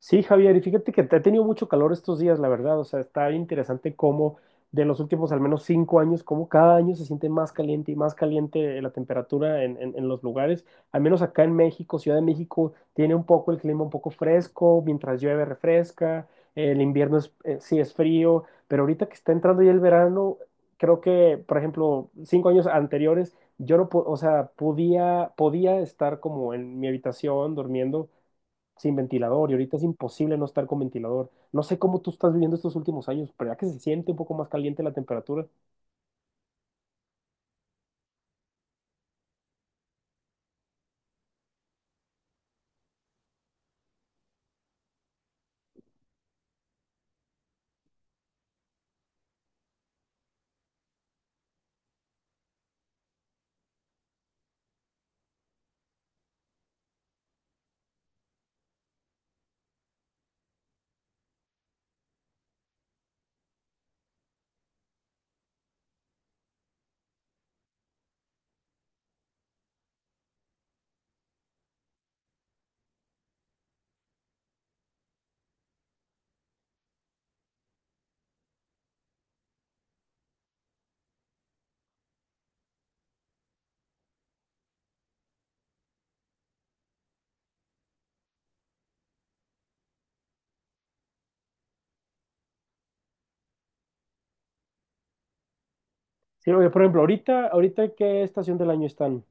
Sí, Javier, y fíjate que ha tenido mucho calor estos días, la verdad. O sea, está interesante cómo de los últimos al menos cinco años, cómo cada año se siente más caliente y más caliente la temperatura en los lugares. Al menos acá en México, Ciudad de México, tiene un poco el clima un poco fresco, mientras llueve refresca, el invierno sí es frío, pero ahorita que está entrando ya el verano, creo que, por ejemplo, 5 años anteriores, yo no, o sea, podía estar como en mi habitación durmiendo sin ventilador y ahorita es imposible no estar con ventilador. No sé cómo tú estás viviendo estos últimos años, pero ya que se siente un poco más caliente la temperatura. Sí, oye, por ejemplo, ahorita ¿qué estación del año están?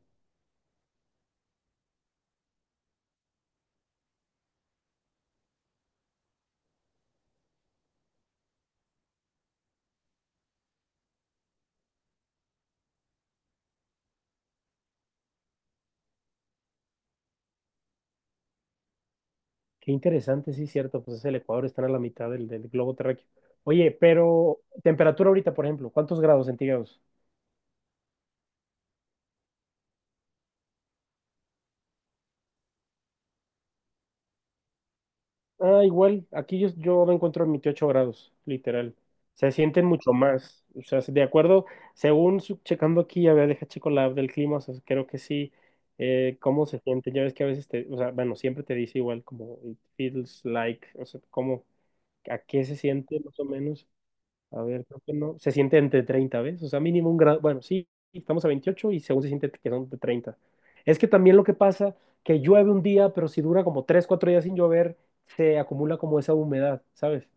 Qué interesante, sí, cierto, pues es el Ecuador, están a la mitad del, del globo terráqueo. Oye, pero temperatura ahorita, por ejemplo, ¿cuántos grados centígrados? Ah, igual, aquí yo me encuentro en 28 grados, literal. Se sienten mucho más. O sea, de acuerdo, según checando aquí, a ver, deja checo la app del clima, o sea, creo que sí, cómo se siente. Ya ves que a veces te, o sea, bueno, siempre te dice igual como it feels like, o sea, cómo, a qué se siente más o menos. A ver, creo que no. Se siente entre 30, ¿ves? O sea, mínimo un grado. Bueno, sí, estamos a 28 y según se siente que son de 30. Es que también lo que pasa, que llueve un día, pero si dura como 3, 4 días sin llover, se acumula como esa humedad, ¿sabes?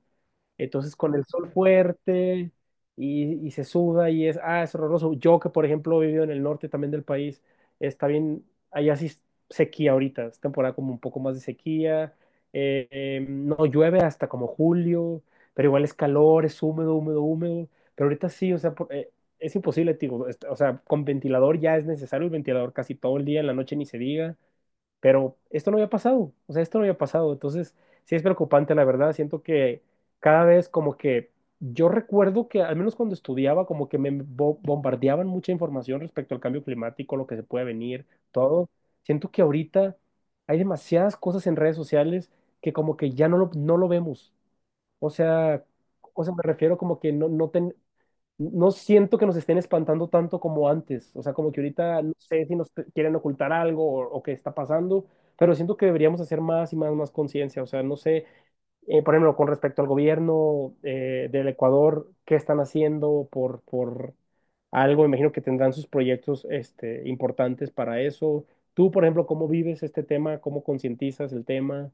Entonces, con el sol fuerte y se suda y es, ah, es horroroso. Yo que, por ejemplo, he vivido en el norte también del país, está bien, allá sí es sequía ahorita, es temporada como un poco más de sequía, no llueve hasta como julio, pero igual es calor, es húmedo, húmedo, húmedo, pero ahorita sí, o sea, es imposible, tío, o sea, con ventilador ya es necesario el ventilador casi todo el día, en la noche ni se diga, pero esto no había pasado, o sea, esto no había pasado, entonces sí es preocupante, la verdad, siento que cada vez como que yo recuerdo que al menos cuando estudiaba como que me bombardeaban mucha información respecto al cambio climático, lo que se puede venir, todo. Siento que ahorita hay demasiadas cosas en redes sociales que como que ya no lo vemos. O sea, o sea, me refiero como que no, no siento que nos estén espantando tanto como antes. O sea, como que ahorita no sé si quieren ocultar algo o qué está pasando, pero siento que deberíamos hacer más y más, más conciencia. O sea, no sé, por ejemplo, con respecto al gobierno del Ecuador, qué están haciendo por algo. Imagino que tendrán sus proyectos este, importantes para eso. Tú, por ejemplo, ¿cómo vives este tema? ¿Cómo concientizas el tema?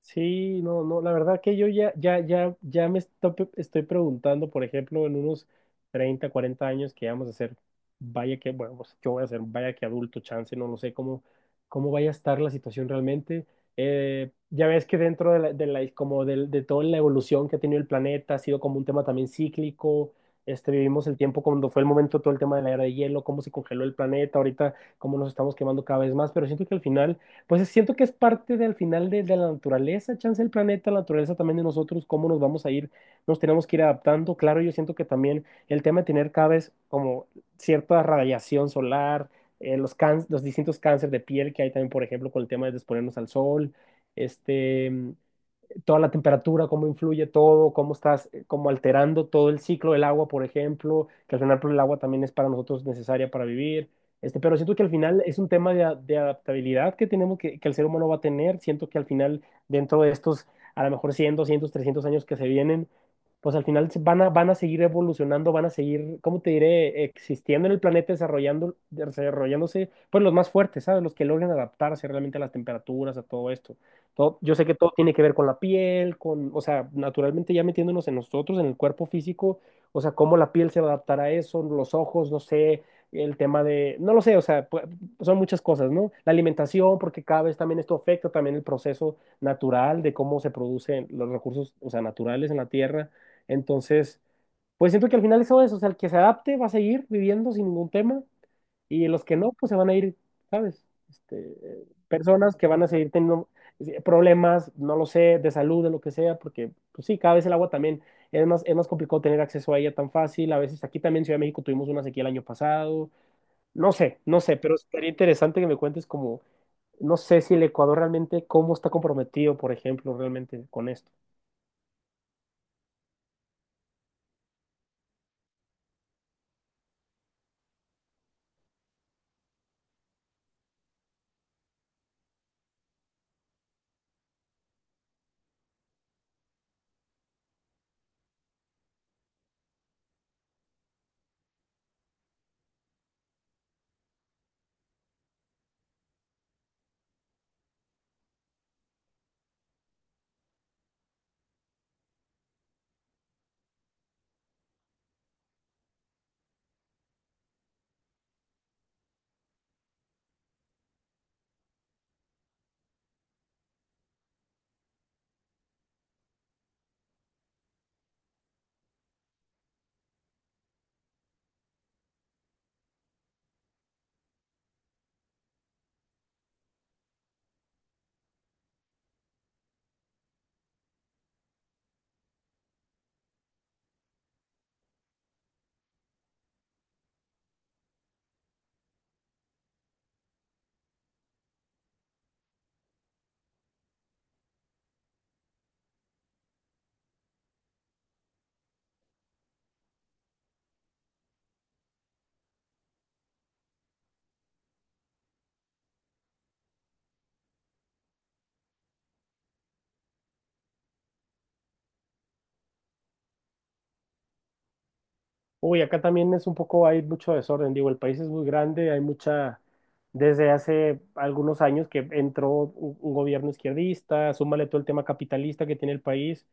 Sí, no, no, la verdad que yo ya me estoy preguntando, por ejemplo, en unos 30, 40 años que vamos a ser, vaya que, bueno, pues yo voy a ser, vaya que adulto, chance, no lo sé cómo, cómo vaya a estar la situación realmente. Ya ves que dentro de la, de toda la evolución que ha tenido el planeta, ha sido como un tema también cíclico. Este, vivimos el tiempo cuando fue el momento, todo el tema de la era de hielo, cómo se congeló el planeta, ahorita cómo nos estamos quemando cada vez más, pero siento que al final, pues siento que es parte del final de la naturaleza, chance del planeta, la naturaleza también de nosotros, cómo nos vamos a ir, nos tenemos que ir adaptando. Claro, yo siento que también el tema de tener cada vez como cierta radiación solar, los, los distintos cánceres de piel que hay también, por ejemplo, con el tema de exponernos al sol, este, toda la temperatura, cómo influye todo, cómo estás como alterando todo el ciclo del agua, por ejemplo, que al final pues, el agua también es para nosotros necesaria para vivir. Este, pero siento que al final es un tema de, de adaptabilidad que tenemos, que el ser humano va a tener. Siento que al final, dentro de estos, a lo mejor 100 200 300 años que se vienen, pues al final van a, van a seguir evolucionando, van a seguir, ¿cómo te diré?, existiendo en el planeta, desarrollando, desarrollándose, pues los más fuertes, ¿sabes? Los que logren adaptarse realmente a las temperaturas, a todo esto. Yo sé que todo tiene que ver con la piel, con, o sea, naturalmente ya metiéndonos en nosotros, en el cuerpo físico, o sea, cómo la piel se va a adaptar a eso, los ojos, no sé, el tema de, no lo sé, o sea, son muchas cosas, ¿no? La alimentación, porque cada vez también esto afecta también el proceso natural de cómo se producen los recursos, o sea, naturales en la tierra. Entonces, pues siento que al final eso es, o sea, el que se adapte va a seguir viviendo sin ningún tema. Y los que no, pues se van a ir, ¿sabes? Este, personas que van a seguir teniendo problemas, no lo sé, de salud, de lo que sea, porque, pues sí, cada vez el agua también es más complicado tener acceso a ella tan fácil. A veces aquí también en Ciudad de México tuvimos una sequía el año pasado. No sé, no sé, pero sería interesante que me cuentes como, no sé si el Ecuador realmente, cómo está comprometido, por ejemplo, realmente con esto. Uy, acá también es un poco, hay mucho desorden, digo, el país es muy grande, hay mucha, desde hace algunos años que entró un gobierno izquierdista, súmale todo el tema capitalista que tiene el país,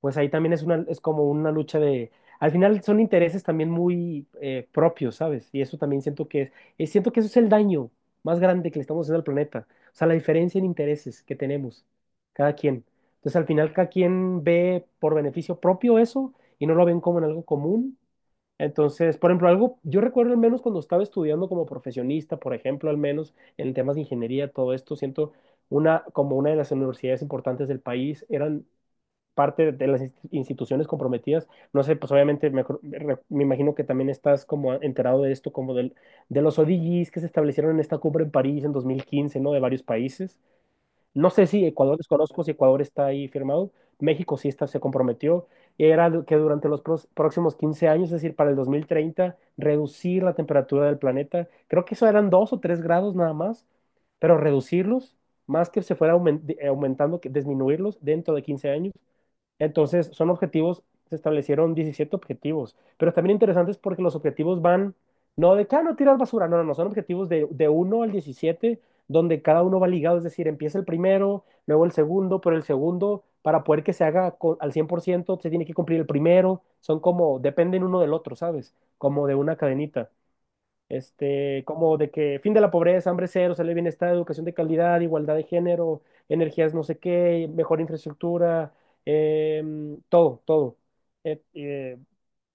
pues ahí también es una, es como una lucha de, al final son intereses también muy propios, ¿sabes? Y eso también siento que es, siento que eso es el daño más grande que le estamos haciendo al planeta, o sea, la diferencia en intereses que tenemos, cada quien. Entonces, al final cada quien ve por beneficio propio eso y no lo ven como en algo común, entonces, por ejemplo, algo, yo recuerdo al menos cuando estaba estudiando como profesionista, por ejemplo, al menos en temas de ingeniería, todo esto, siento una, como una de las universidades importantes del país, eran parte de las instituciones comprometidas. No sé, pues obviamente me imagino que también estás como enterado de esto, como del, de los ODGs que se establecieron en esta cumbre en París en 2015, ¿no? De varios países. No sé si Ecuador, desconozco si Ecuador está ahí firmado. México sí está, se comprometió. Y era lo que durante los próximos 15 años, es decir, para el 2030, reducir la temperatura del planeta. Creo que eso eran 2 o 3 grados nada más, pero reducirlos, más que se fuera aumentando, que disminuirlos dentro de 15 años. Entonces, son objetivos, se establecieron 17 objetivos, pero también interesantes porque los objetivos van, no de, cada no tiras basura, no, no, no, son objetivos de uno al 17, donde cada uno va ligado, es decir, empieza el primero, luego el segundo, pero el segundo, para poder que se haga al 100% se tiene que cumplir el primero, son como, dependen uno del otro, ¿sabes? Como de una cadenita este, como de que fin de la pobreza, hambre cero, salud y bienestar, educación de calidad, igualdad de género, energías no sé qué, mejor infraestructura, em, todo, todo. Eh, eh,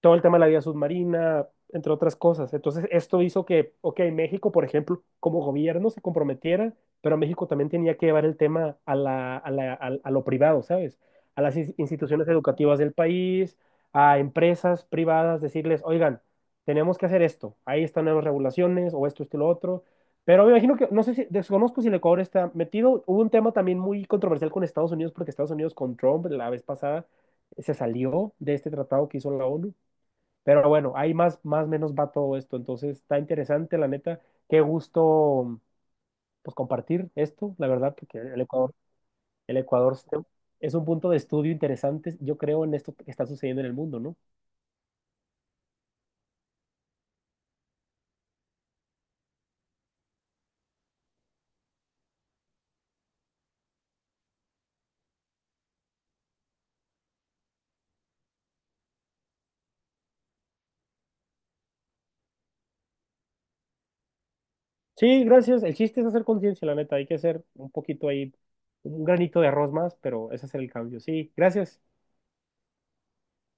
todo el tema de la vida submarina, entre otras cosas. Entonces, esto hizo que, ok, México, por ejemplo, como gobierno se comprometiera, pero México también tenía que llevar el tema a la, a lo privado, ¿sabes? A las instituciones educativas del país, a empresas privadas, decirles, oigan, tenemos que hacer esto, ahí están nuevas regulaciones, o esto y lo otro. Pero me imagino que, no sé si, desconozco si el Ecuador está metido. Hubo un tema también muy controversial con Estados Unidos, porque Estados Unidos con Trump la vez pasada se salió de este tratado que hizo la ONU. Pero bueno, ahí más, más menos va todo esto. Entonces está interesante, la neta. Qué gusto pues compartir esto, la verdad, porque el Ecuador, el es un punto de estudio interesante, yo creo, en esto que está sucediendo en el mundo, ¿no? Sí, gracias. El chiste es hacer conciencia, la neta. Hay que hacer un poquito ahí, un granito de arroz más, pero ese es el cambio. Sí, gracias.